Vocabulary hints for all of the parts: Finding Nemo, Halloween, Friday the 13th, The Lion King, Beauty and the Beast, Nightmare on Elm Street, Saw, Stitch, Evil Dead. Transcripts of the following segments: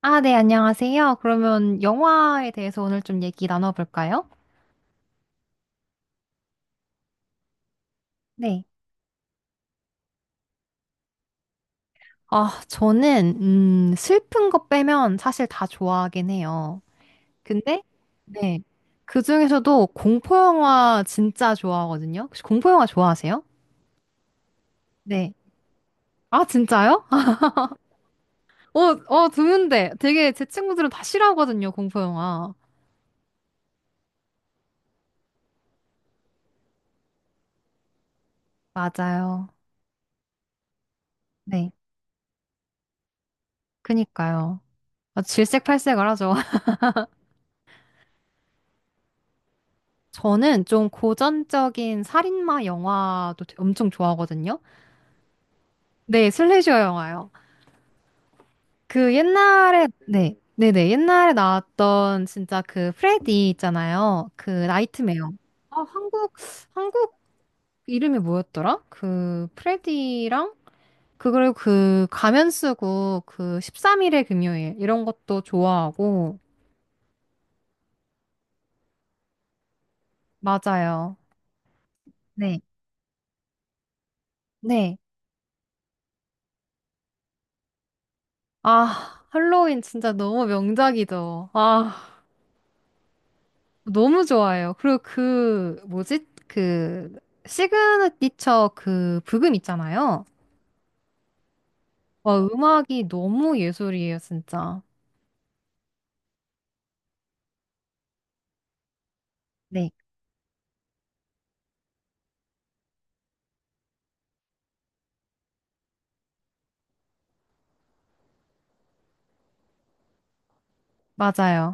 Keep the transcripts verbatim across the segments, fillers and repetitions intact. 아, 네, 안녕하세요. 그러면 영화에 대해서 오늘 좀 얘기 나눠볼까요? 네. 아, 저는, 음, 슬픈 거 빼면 사실 다 좋아하긴 해요. 근데, 네. 그 중에서도 공포영화 진짜 좋아하거든요. 혹시 공포영화 좋아하세요? 네. 아, 진짜요? 어, 어, 드문데. 되게 제 친구들은 다 싫어하거든요, 공포영화. 맞아요. 네. 그니까요. 아, 질색팔색을 하죠. 저는 좀 고전적인 살인마 영화도 되- 엄청 좋아하거든요. 네, 슬래셔 영화요. 그 옛날에, 네, 네네, 옛날에 나왔던 진짜 그 프레디 있잖아요. 그 나이트메어. 아, 한국, 한국 이름이 뭐였더라? 그 프레디랑, 그걸 그 가면 쓰고 그 십삼 일의 금요일, 이런 것도 좋아하고, 맞아요. 네, 네. 아, 할로윈 진짜 너무 명작이죠. 아. 너무 좋아요. 그리고 그, 뭐지? 그, 시그니처 그 부금 있잖아요. 와, 음악이 너무 예술이에요, 진짜. 네, 맞아요.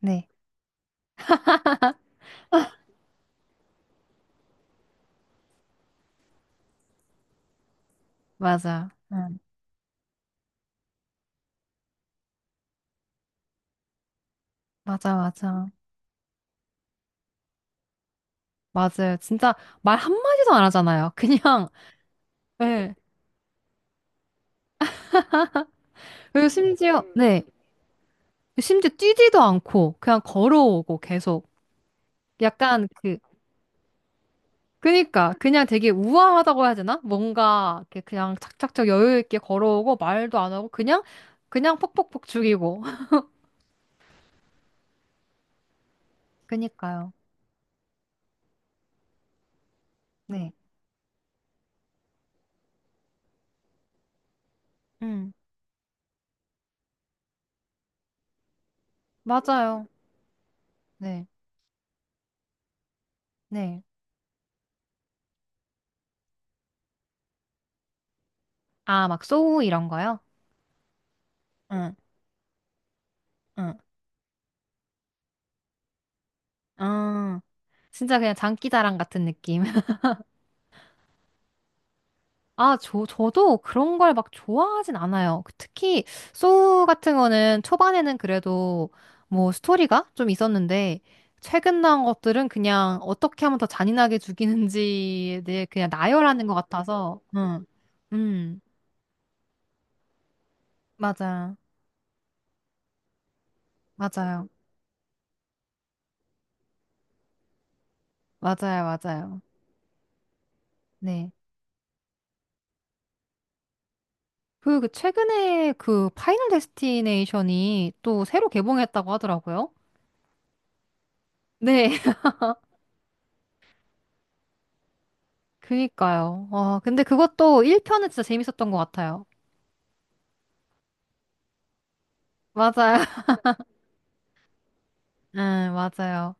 네, 맞아. 응, 맞아, 맞아. 맞아요. 진짜 말 한마디도 안 하잖아요. 그냥, 네. 그리고 심지어, 네. 심지어 뛰지도 않고, 그냥 걸어오고 계속. 약간 그, 그니까 그냥 되게 우아하다고 해야 되나? 뭔가 이렇게 그냥 착착착 여유 있게 걸어오고 말도 안 하고 그냥 그냥 퍽퍽퍽 죽이고. 그니까요. 네. 음 맞아요. 네. 네. 아, 막 소우 이런 거요? 응, 응. 아, 진짜 그냥 장기자랑 같은 느낌. 아, 저, 저도 그런 걸 막 좋아하진 않아요. 그 특히, 소우 같은 거는 초반에는 그래도 뭐 스토리가 좀 있었는데, 최근 나온 것들은 그냥 어떻게 하면 더 잔인하게 죽이는지에 대해 그냥 나열하는 것 같아서, 응. 음, 맞아. 맞아요. 맞아요. 맞아요. 네. 그, 그 최근에 그 파이널 데스티네이션이 또 새로 개봉했다고 하더라고요. 네. 그니까요. 어, 근데 그것도 일 편은 진짜 재밌었던 것 같아요. 맞아요. 응, 맞아요.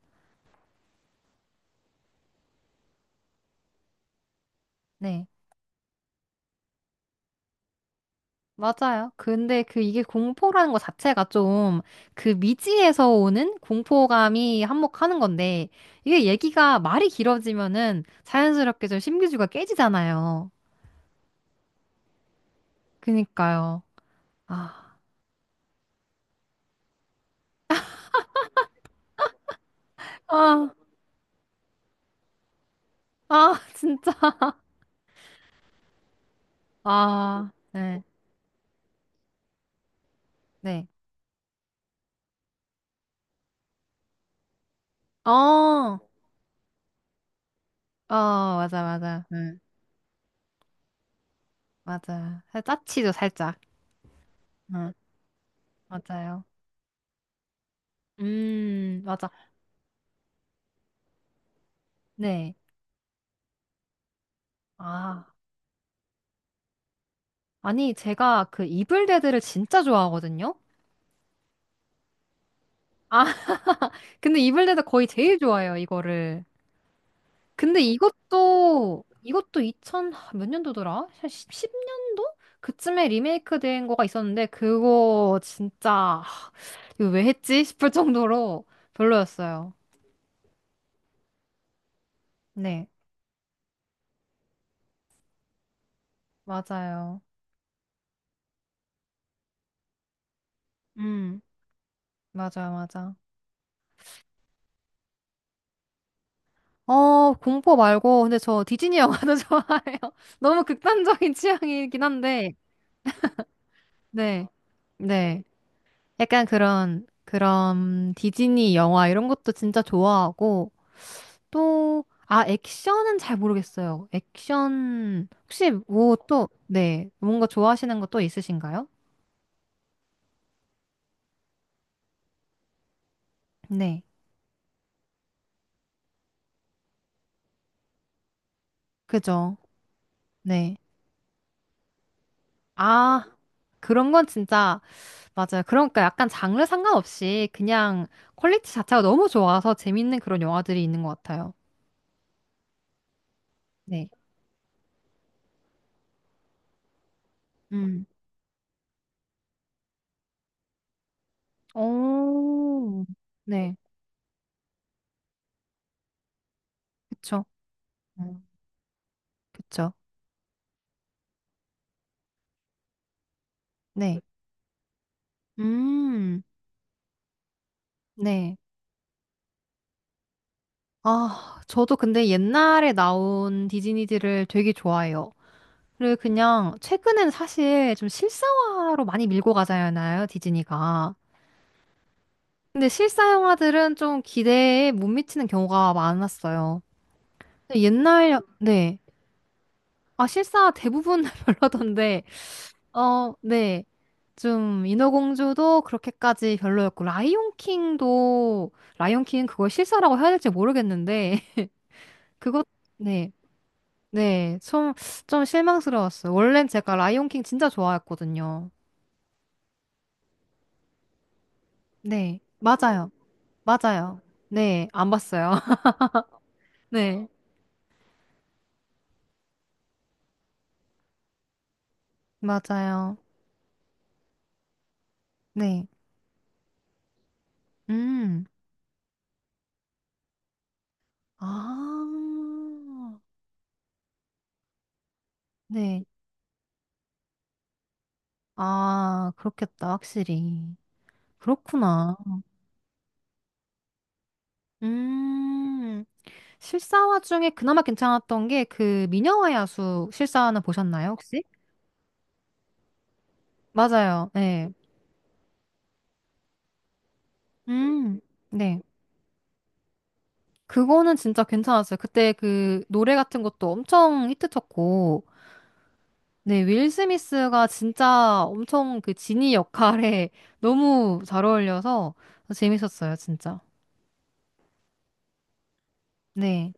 네. 맞아요. 근데 그 이게 공포라는 것 자체가 좀 그 미지에서 오는 공포감이 한몫하는 건데 이게 얘기가 말이 길어지면은 자연스럽게 좀 신비주의가 깨지잖아요. 그니까요. 아, 아, 아, 진짜. 아, 네, 네. 어, 어, 맞아, 맞아. 응, 맞아. 살- 짜치죠, 살짝. 응, 맞아요. 음, 맞아. 네. 아. 아니, 제가 그 이블데드를 진짜 좋아하거든요? 아, 근데 이블데드 거의 제일 좋아해요, 이거를. 근데 이것도, 이것도 이천, 하, 몇 년도더라? 한 십 년도? 그쯤에 리메이크 된 거가 있었는데, 그거 진짜, 하, 이거 왜 했지? 싶을 정도로 별로였어요. 네, 맞아요. 음, 맞아요, 맞아. 어, 공포 말고, 근데 저 디즈니 영화도 좋아해요. 너무 극단적인 취향이긴 한데, 네, 네. 약간 그런, 그런 디즈니 영화 이런 것도 진짜 좋아하고, 또, 아, 액션은 잘 모르겠어요. 액션, 혹시 뭐 또, 네, 뭔가 좋아하시는 거 또 있으신가요? 네, 그죠. 네. 아, 그런 건 진짜, 맞아요. 그러니까 약간 장르 상관없이 그냥 퀄리티 자체가 너무 좋아서 재밌는 그런 영화들이 있는 것 같아요. 네. 음. 오, 네. 그쵸. 음, 그쵸. 네. 음. 네. 아, 저도 근데 옛날에 나온 디즈니들을 되게 좋아해요. 그리고 그냥 최근엔 사실 좀 실사화로 많이 밀고 가잖아요, 디즈니가. 근데 실사 영화들은 좀 기대에 못 미치는 경우가 많았어요. 근데 옛날, 여- 네. 아, 실사 대부분 별로던데, 어, 네. 좀 인어공주도 그렇게까지 별로였고, 라이온킹도, 라이온킹은 그걸 실사라고 해야 될지 모르겠는데, 그것, 네. 네, 좀, 좀 실망스러웠어요. 원래는 제가 라이온킹 진짜 좋아했거든요. 네, 맞아요. 맞아요. 네, 안 봤어요. 네, 맞아요. 네, 음, 아, 네, 아, 그렇겠다, 확실히. 그렇구나. 음, 실사화 중에 그나마 괜찮았던 게 그 미녀와 야수 실사화는 보셨나요, 혹시? 맞아요. 네, 음, 네. 그거는 진짜 괜찮았어요. 그때 그 노래 같은 것도 엄청 히트쳤고, 네, 윌 스미스가 진짜 엄청 그 지니 역할에 너무 잘 어울려서 재밌었어요, 진짜. 네,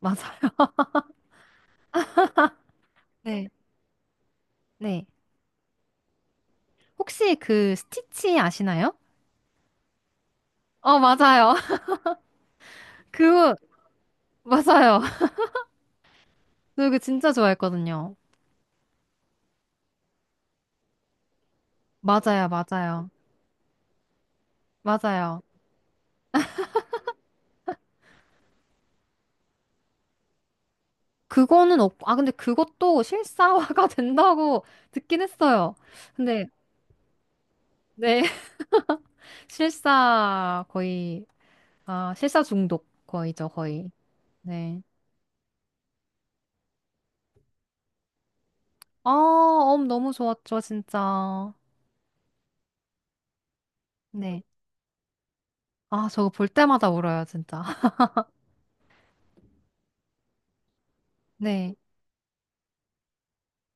맞아요. 네, 네. 혹시 그 스티치 아시나요? 어, 맞아요. 그, 맞아요. 저 이거 진짜 좋아했거든요. 맞아요, 맞아요. 맞아요. 그거는 없고, 아, 근데 그것도 실사화가 된다고 듣긴 했어요. 근데, 네. 실사 거의 아 실사 중독 거의죠 거의 네. 아, 엄 너무 좋았죠 진짜. 네. 아 저거 볼 때마다 울어요 진짜. 네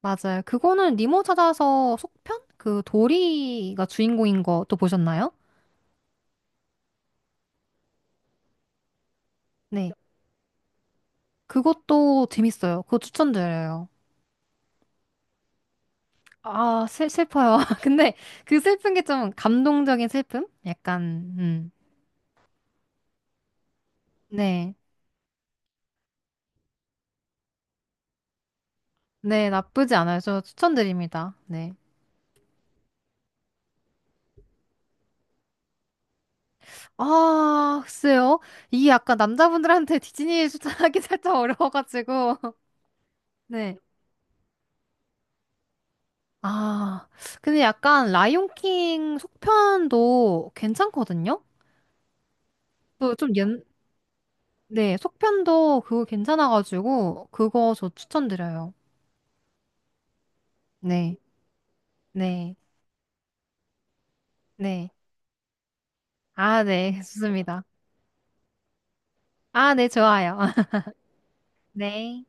맞아요. 그거는 니모 찾아서 속편 그 도리가 주인공인 거 또 보셨나요? 네 그것도 재밌어요. 그거 추천드려요. 아 슬, 슬퍼요. 근데 그 슬픈 게 좀 감동적인 슬픔? 약간 음. 네. 네 나쁘지 않아요. 저 추천드립니다. 네. 아, 글쎄요. 이게 약간 남자분들한테 디즈니 추천하기 살짝 어려워가지고. 네. 아, 근데 약간 라이온킹 속편도 괜찮거든요? 또 좀 연, 네, 속편도 그거 괜찮아가지고, 그거 저 추천드려요. 네, 네, 네. 아, 네, 좋습니다. 아, 네, 좋아요. 네.